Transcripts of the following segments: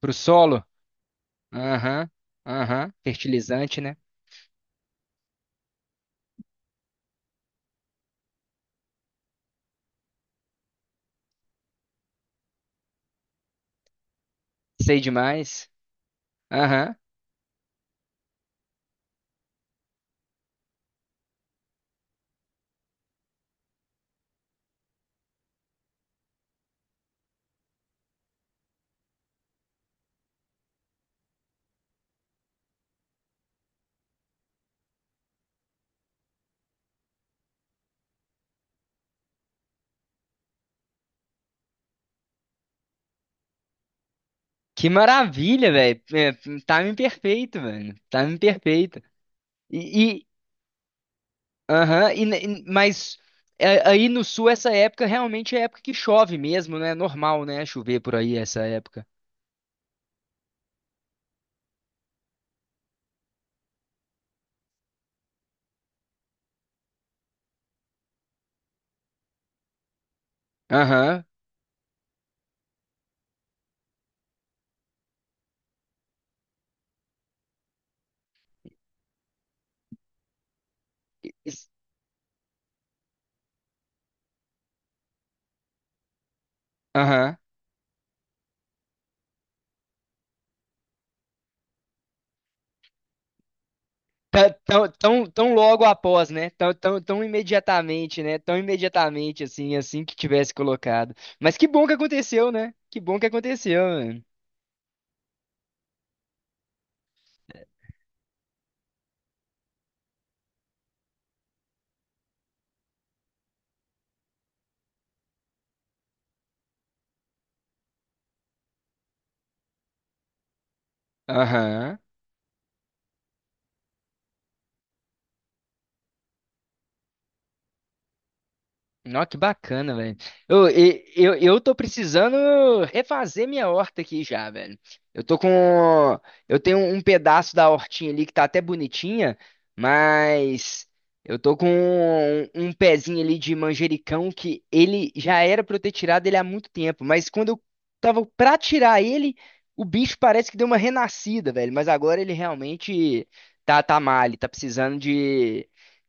Pro solo? Aham, aham. Fertilizante, né? Sei demais. Aham. Que maravilha, velho. É, timing perfeito, velho. Timing perfeito. E, e, aham, e, e mas aí no sul essa época realmente é época que chove mesmo, né? É normal, né? Chover por aí essa época. Aham. Isso- Aham. Tão logo após, né? Tão imediatamente, né? Tão imediatamente, assim, assim que tivesse colocado. Mas que bom que aconteceu, né? Que bom que aconteceu, mano. Aham. Nossa, que bacana, velho. Eu tô precisando refazer minha horta aqui já, velho. Eu tô com. Eu tenho um pedaço da hortinha ali que tá até bonitinha, mas eu tô com um pezinho ali de manjericão que ele já era pra eu ter tirado ele há muito tempo, mas quando eu tava pra tirar ele, o bicho parece que deu uma renascida, velho. Mas agora ele realmente tá mal, ele tá precisando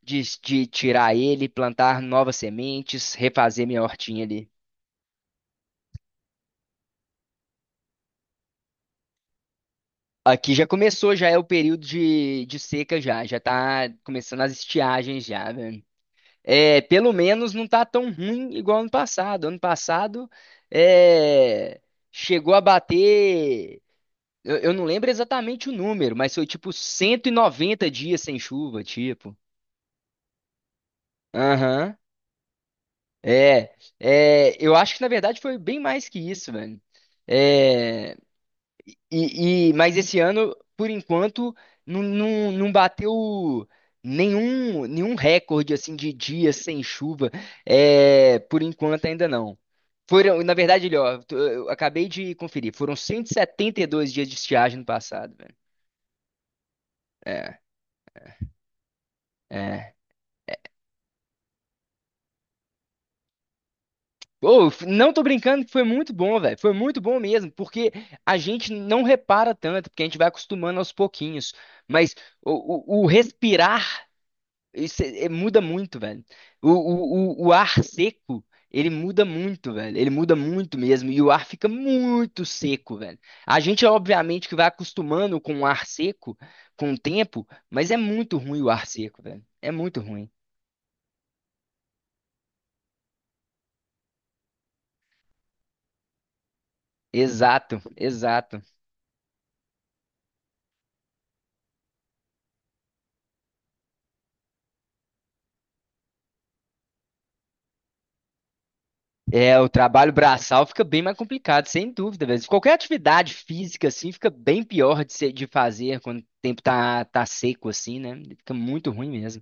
de tirar ele, plantar novas sementes, refazer minha hortinha ali. Aqui já começou, já é o período de seca já, já tá começando as estiagens já, velho. É, pelo menos não tá tão ruim igual ano passado. Ano passado é, chegou a bater, eu não lembro exatamente o número, mas foi tipo 190 dias sem chuva, tipo. Aham. É, eu acho que na verdade foi bem mais que isso, velho. É, mas esse ano, por enquanto, não bateu nenhum recorde assim de dias sem chuva. É, por enquanto ainda não. Foram, na verdade, ele, ó, eu acabei de conferir, foram 172 dias de estiagem no passado, velho. É, é. Ô, f- não tô brincando que foi muito bom, velho. Foi muito bom mesmo, porque a gente não repara tanto, porque a gente vai acostumando aos pouquinhos. Mas o respirar, isso muda muito, velho. O ar seco, ele muda muito, velho. Ele muda muito mesmo. E o ar fica muito seco, velho. A gente, obviamente, que vai acostumando com o ar seco com o tempo, mas é muito ruim o ar seco, velho. É muito ruim. Exato, exato. É, o trabalho braçal fica bem mais complicado, sem dúvida, velho. Qualquer atividade física, assim, fica bem pior de fazer quando o tempo tá seco, assim, né? Fica muito ruim mesmo.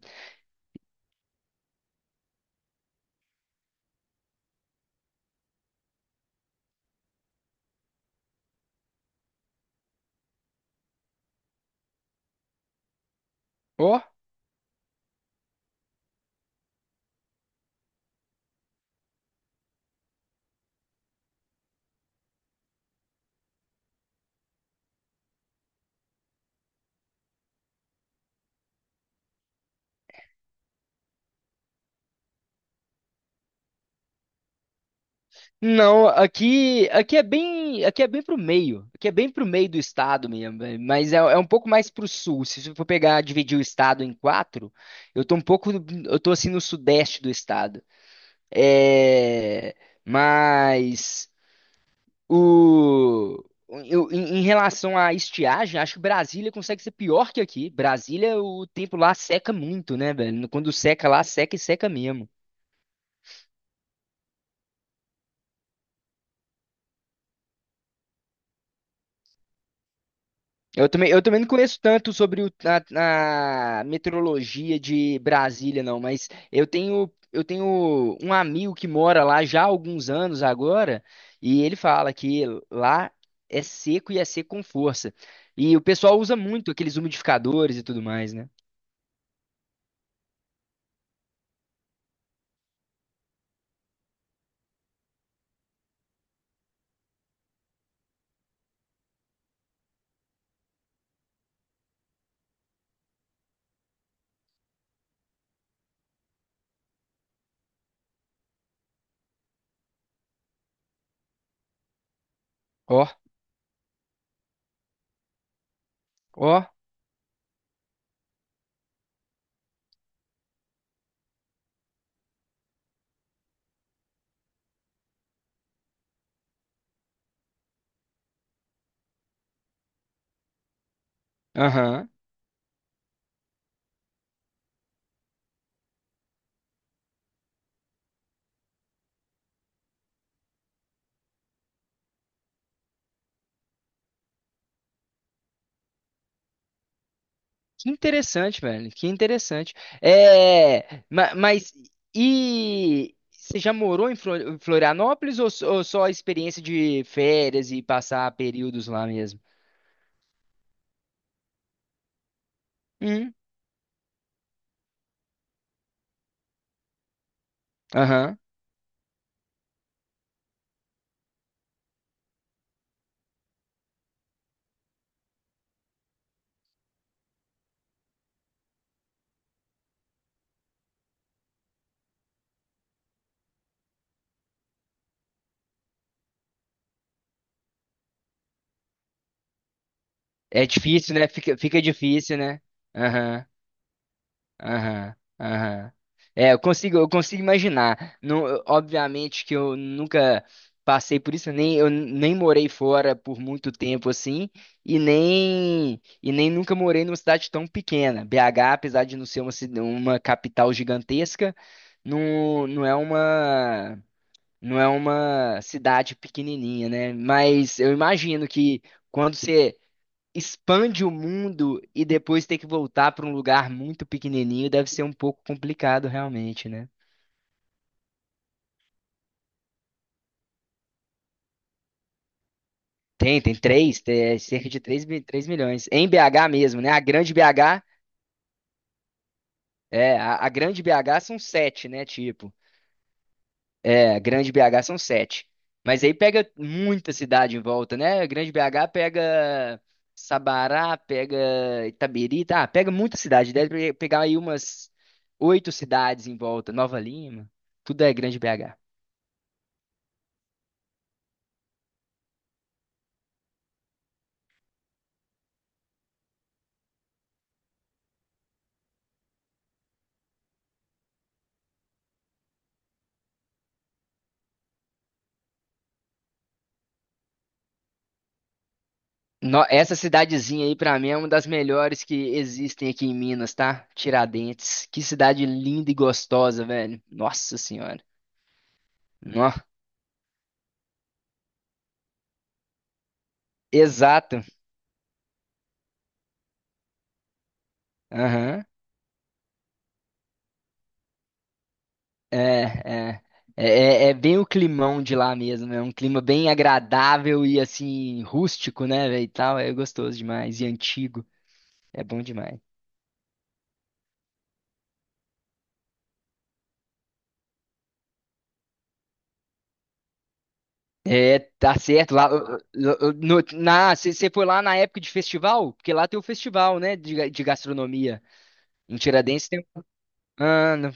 Ó. Não, aqui é bem, aqui é bem pro meio, aqui é bem pro meio do estado mesmo, mas é um pouco mais pro sul. Se você for pegar, dividir o estado em quatro, eu tô um pouco, eu tô assim no sudeste do estado. É, mas o, em relação à estiagem, acho que Brasília consegue ser pior que aqui. Brasília, o tempo lá seca muito, né, velho? Quando seca lá, seca e seca mesmo. Eu também não conheço tanto sobre o- a meteorologia de Brasília, não, mas eu tenho um amigo que mora lá já há alguns anos agora, e ele fala que lá é seco e é seco com força. E o pessoal usa muito aqueles umidificadores e tudo mais, né? Ó, ó, aham. Que interessante, velho. Que interessante. É, mas e você já morou em Flor- em Florianópolis ou só a experiência de férias e passar períodos lá mesmo? Hum, aham. É difícil, né? Fica difícil, né? Aham. Aham, aham. É, eu consigo imaginar. Não, eu- obviamente que eu nunca passei por isso, nem eu nem morei fora por muito tempo assim, e nem nunca morei numa cidade tão pequena. BH, apesar de não ser uma, cida- uma capital gigantesca, não, não é uma cidade pequenininha, né? Mas eu imagino que quando você expande o mundo e depois ter que voltar para um lugar muito pequenininho deve ser um pouco complicado realmente, né? Tem cerca de 3 milhões. Em BH mesmo, né? A grande BH, é, a grande BH são sete, né? Tipo, é, a grande BH são sete. Mas aí pega muita cidade em volta, né? A grande BH pega Sabará, pega Itabiri, tá? Pega muita cidade. Deve pegar aí umas oito cidades em volta. Nova Lima, tudo é grande BH. Essa cidadezinha aí, pra mim, é uma das melhores que existem aqui em Minas, tá? Tiradentes. Que cidade linda e gostosa, velho. Nossa Senhora. Nó. Exato. Aham. É, é. É, é bem o climão de lá mesmo. É um clima bem agradável e, assim, rústico, né, velho? E tal. É gostoso demais. E antigo. É bom demais. É, tá certo. Lá, no, na, você foi lá na época de festival? Porque lá tem o festival, né, de gastronomia. Em Tiradentes tem. Mano,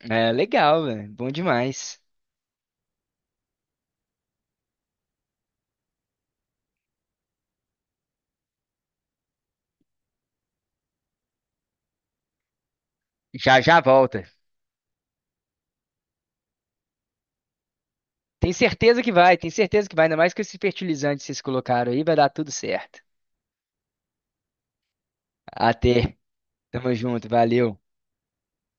é legal, velho. Bom demais. Já já volta. Tem certeza que vai, tem certeza que vai. Ainda mais com esses fertilizantes que vocês colocaram aí, vai dar tudo certo. Até. Tamo junto, valeu.